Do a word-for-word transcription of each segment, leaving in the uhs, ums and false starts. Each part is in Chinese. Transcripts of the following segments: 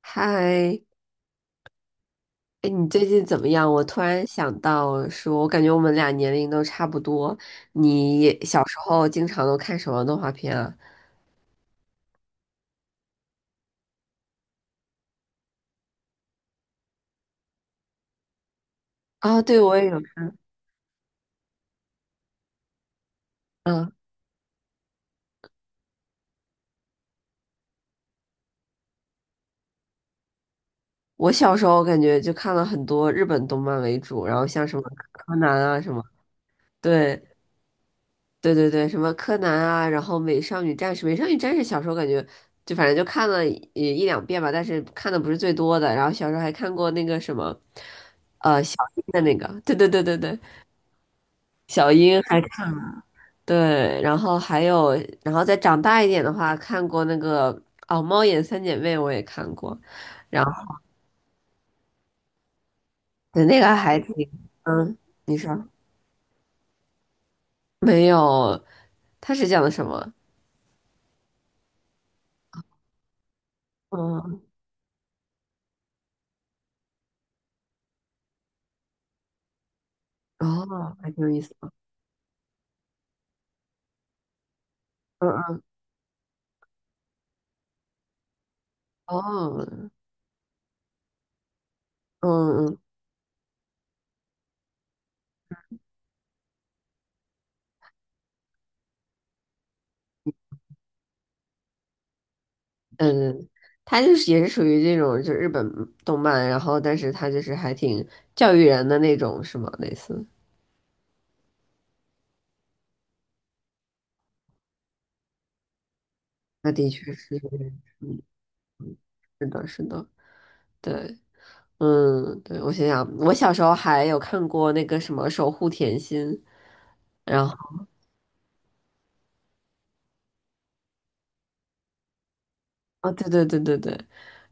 嗨，哎，你最近怎么样？我突然想到说，我感觉我们俩年龄都差不多。你也小时候经常都看什么动画片啊？啊，对，我也有。嗯，我小时候感觉就看了很多日本动漫为主，然后像什么柯南啊什么，对对对对，什么柯南啊，然后美少女战士，美少女战士小时候感觉就反正就看了一一两遍吧，但是看的不是最多的。然后小时候还看过那个什么呃小樱的那个，对对对对对，小樱还看。对，然后还有，然后再长大一点的话，看过那个哦，《猫眼三姐妹》我也看过，然后对那个还挺，嗯，你说没有？它是讲的什么？嗯，哦，还挺有意思。嗯嗯，哦，嗯嗯嗯，它就是也是属于这种，就日本动漫，然后但是它就是还挺教育人的那种，是吗？类似，那的确是有点，嗯，是的，是的，对。嗯，对，我想想，我小时候还有看过那个什么《守护甜心》，然后啊，对对对对对，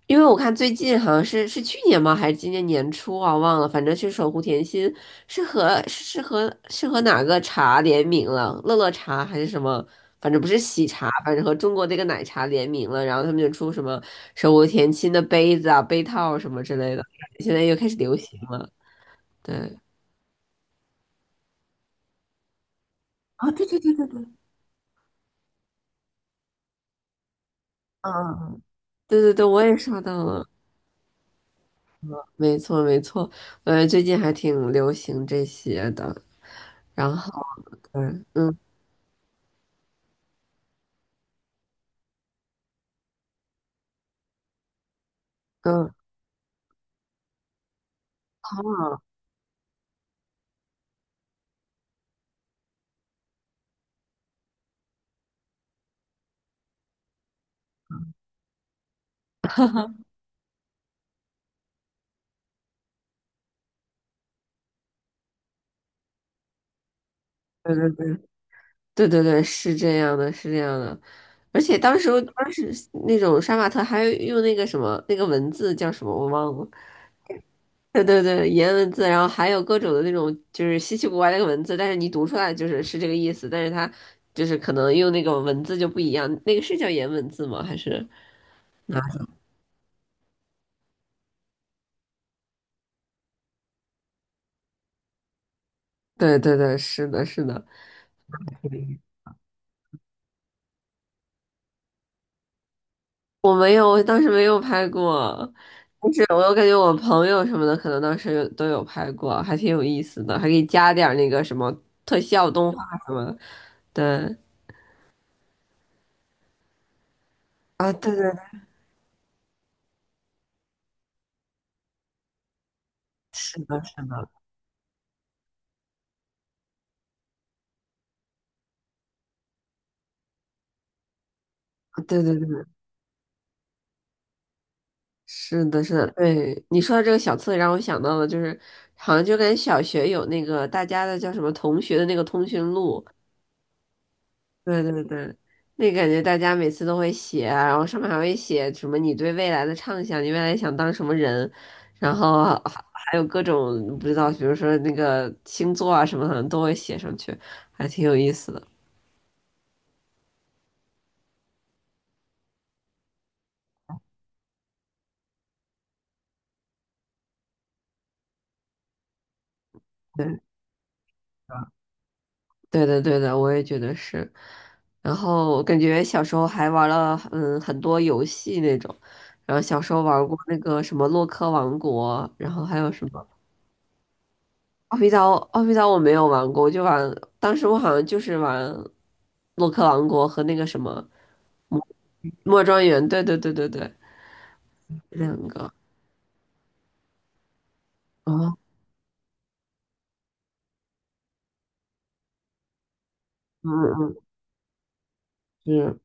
因为我看最近好像是是去年吗，还是今年年初啊，忘了，反正是《守护甜心》是和是和是和哪个茶联名了，乐乐茶还是什么，反正不是喜茶，反正和中国这个奶茶联名了，然后他们就出什么《守护甜心》的杯子啊、杯套什么之类的，现在又开始流行了，对。啊，对对对对对，嗯嗯嗯，对对对，我也刷到了。没错没错，呃，最近还挺流行这些的。然后，对，嗯嗯，啊对对对对对对，是这样的，是这样的。而且当时当时那种杀马特还用那个什么那个文字叫什么我忘了，对对对，颜文字，然后还有各种的那种就是稀奇古怪那个文字，但是你读出来就是是这个意思，但是它就是可能用那个文字就不一样，那个是叫颜文字吗？还是？对对对，是的，是的。我没有，我当时没有拍过，但是我又感觉我朋友什么的可能当时有都有拍过，还挺有意思的，还可以加点儿那个什么特效动画什么的。对，啊，对对对，是的，是的，对对对，是的，是的，对。你说的这个小册子让我想到了，就是好像就跟小学有那个大家的叫什么同学的那个通讯录，对对对，那感觉大家每次都会写啊然后上面还会写什么你对未来的畅想，你未来想当什么人，然后还还有各种不知道，比如说那个星座啊什么，的都会写上去，还挺有意思的。对对的对的，我也觉得是。然后我感觉小时候还玩了嗯很多游戏那种，然后小时候玩过那个什么洛克王国，然后还有什么。奥比岛，奥比岛我没有玩过，我就玩，当时我好像就是玩洛克王国和那个什么莫庄园，对对对对对，两个，哦，嗯嗯，嗯，是，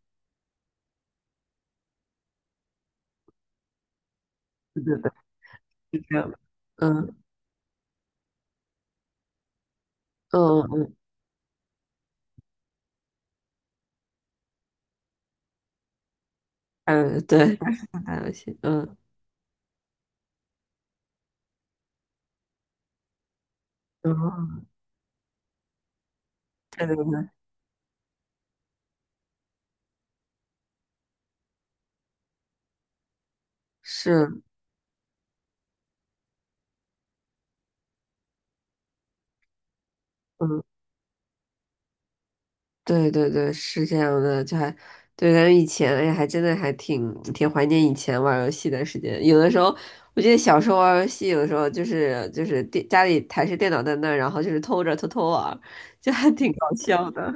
对对对，是这样的，嗯嗯嗯，嗯，对，但是打游戏，嗯嗯，然后对对对，是。嗯。对对对，是这样的，就还对咱们以前，哎呀，还真的还挺挺怀念以前玩儿游戏的时间。有的时候，我记得小时候玩儿游戏，有的时候就是就是电家里台式电脑在那儿然后就是偷着偷偷玩儿就还挺搞笑的。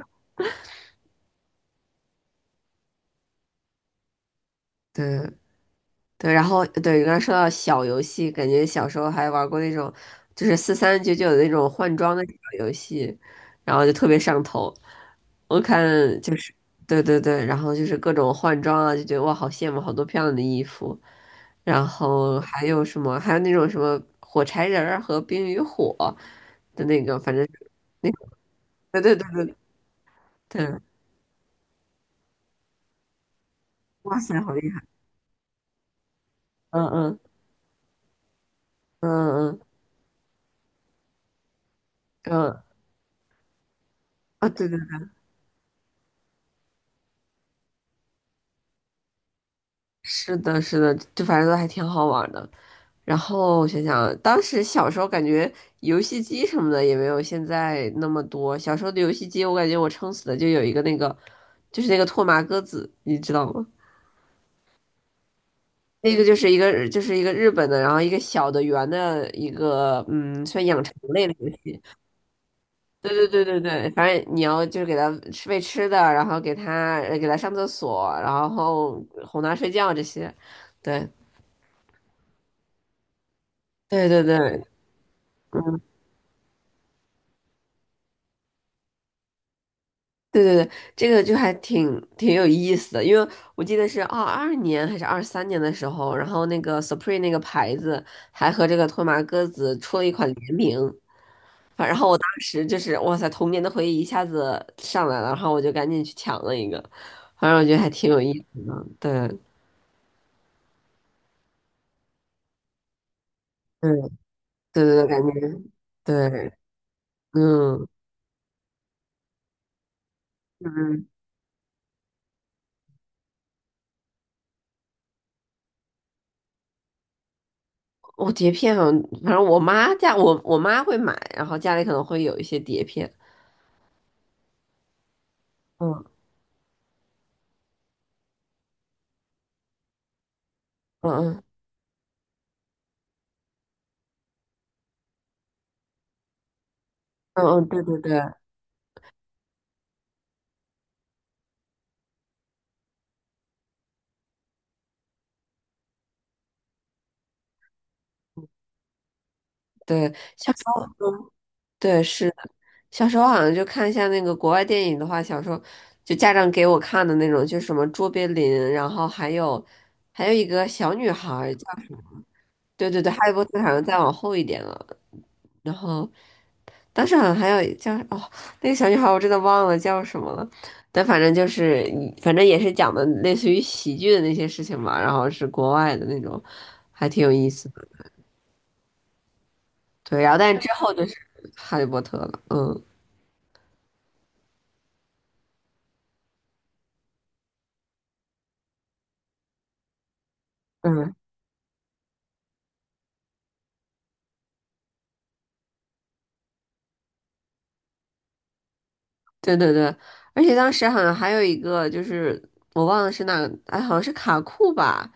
对。对，然后对，刚才说到小游戏，感觉小时候还玩过那种，就是四三九九的那种换装的小游戏，然后就特别上头。我看就是，对对对，然后就是各种换装啊，就觉得哇，好羡慕，好多漂亮的衣服。然后还有什么？还有那种什么火柴人儿和冰与火的那个，反正那对对对对对，哇塞，好厉害！嗯嗯嗯嗯嗯啊，对对，对是的，是的，就反正都还挺好玩的。然后想想，当时小时候感觉游戏机什么的也没有现在那么多。小时候的游戏机，我感觉我撑死的就有一个那个，就是那个拓麻鸽子，你知道吗？那个就是一个就是一个日本的，然后一个小的圆的一个，嗯，算养成类的游戏。对对对对对，反正你要就是给它吃喂吃的，然后给它呃给它上厕所，然后哄它睡觉这些。对对对对，对对对，这个就还挺挺有意思的，因为我记得是二二年还是二三年的时候，然后那个 Supreme 那个牌子还和这个托马鸽子出了一款联名，反然后我当时就是哇塞，童年的回忆一下子上来了，然后我就赶紧去抢了一个，反正我觉得还挺有意思的，对，嗯，对对对，感觉对，嗯嗯，我碟片好像反正我妈家我我妈会买，然后家里可能会有一些碟片，嗯嗯嗯。嗯嗯，对对对对，小时候对是小时候好像就看一下那个国外电影的话，小时候就家长给我看的那种，就什么卓别林，然后还有还有一个小女孩儿叫对对对，哈利波特好像再往后一点了，然后当时好像还有叫哦，那个小女孩我真的忘了叫什么了，但反正就是反正也是讲的类似于喜剧的那些事情嘛，然后是国外的那种，还挺有意思的，对，然后但之后就是哈利波特了，嗯。嗯，对对对，而且当时好像还有一个，就是我忘了是哪个，哎，好像是卡酷吧，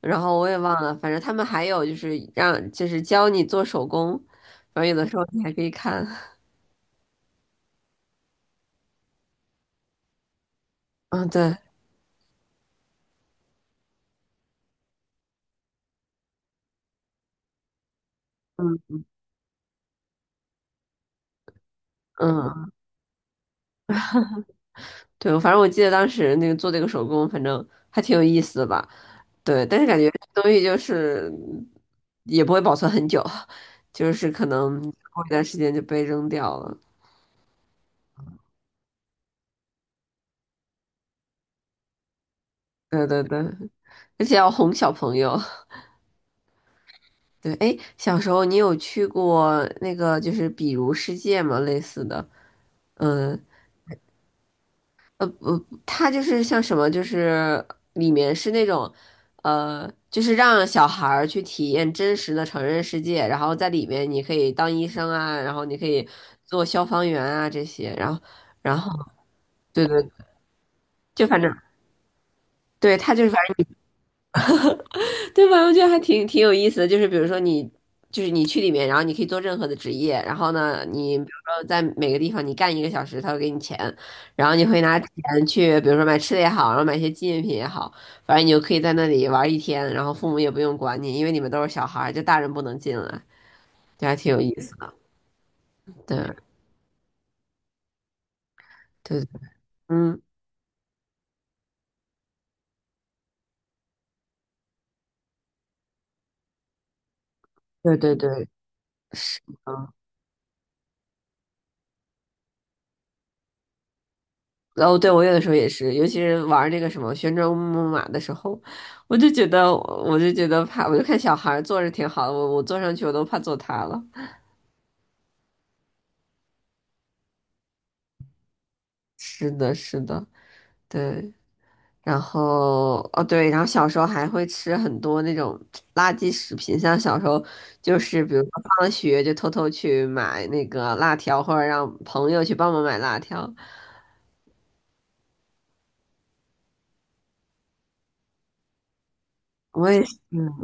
然后我也忘了，反正他们还有就是让就是教你做手工，然后有的时候你还可以看，嗯，对，嗯嗯，对，反正我记得当时那个做这个手工，反正还挺有意思的吧，对，但是感觉这东西就是也不会保存很久，就是可能过一段时间就被扔掉了，对对对，而且要哄小朋友。对，哎，小时候你有去过那个就是比如世界吗？类似的，嗯呃，它就是像什么，就是里面是那种，呃，就是让小孩儿去体验真实的成人世界，然后在里面你可以当医生啊，然后你可以做消防员啊这些，然后然后对对，就反正对，他就是对吧？我觉得还挺挺有意思的，就是比如说你，就是你去里面，然后你可以做任何的职业，然后呢，你比如说在每个地方你干一个小时，他会给你钱，然后你会拿钱去，比如说买吃的也好，然后买一些纪念品也好，反正你就可以在那里玩一天，然后父母也不用管你，因为你们都是小孩儿，就大人不能进来，就还挺有意思的。对对，对嗯，对对对，是。哦，对，我有的时候也是，尤其是玩那个什么旋转木马的时候，我就觉得，我就觉得怕，我就看小孩儿坐着挺好的，我我坐上去我都怕坐塌了。是的，是的，对。然后，哦对，然后小时候还会吃很多那种垃圾食品，像小时候就是比如说放了学就偷偷去买那个辣条，或者让朋友去帮忙买辣条。我也是，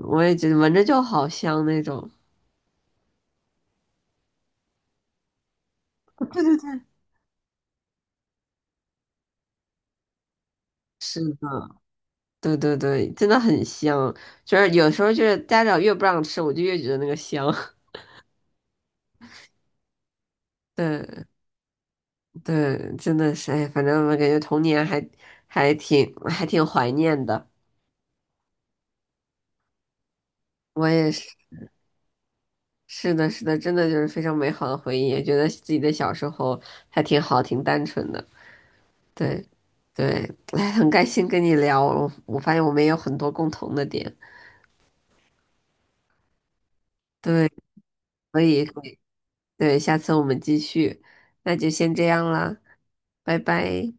我也觉得闻着就好香那种。对对对，是的。对对对，真的很香。就是有时候就是家长越不让吃，我就越觉得那个香。对对，真的是，哎，反正我感觉童年还还挺还挺怀念的。我也是，是的，是的，真的就是非常美好的回忆，也觉得自己的小时候还挺好，挺单纯的。对对，哎，很开心跟你聊，我我发现我们也有很多共同的点。对，所以对，下次我们继续，那就先这样啦，拜拜。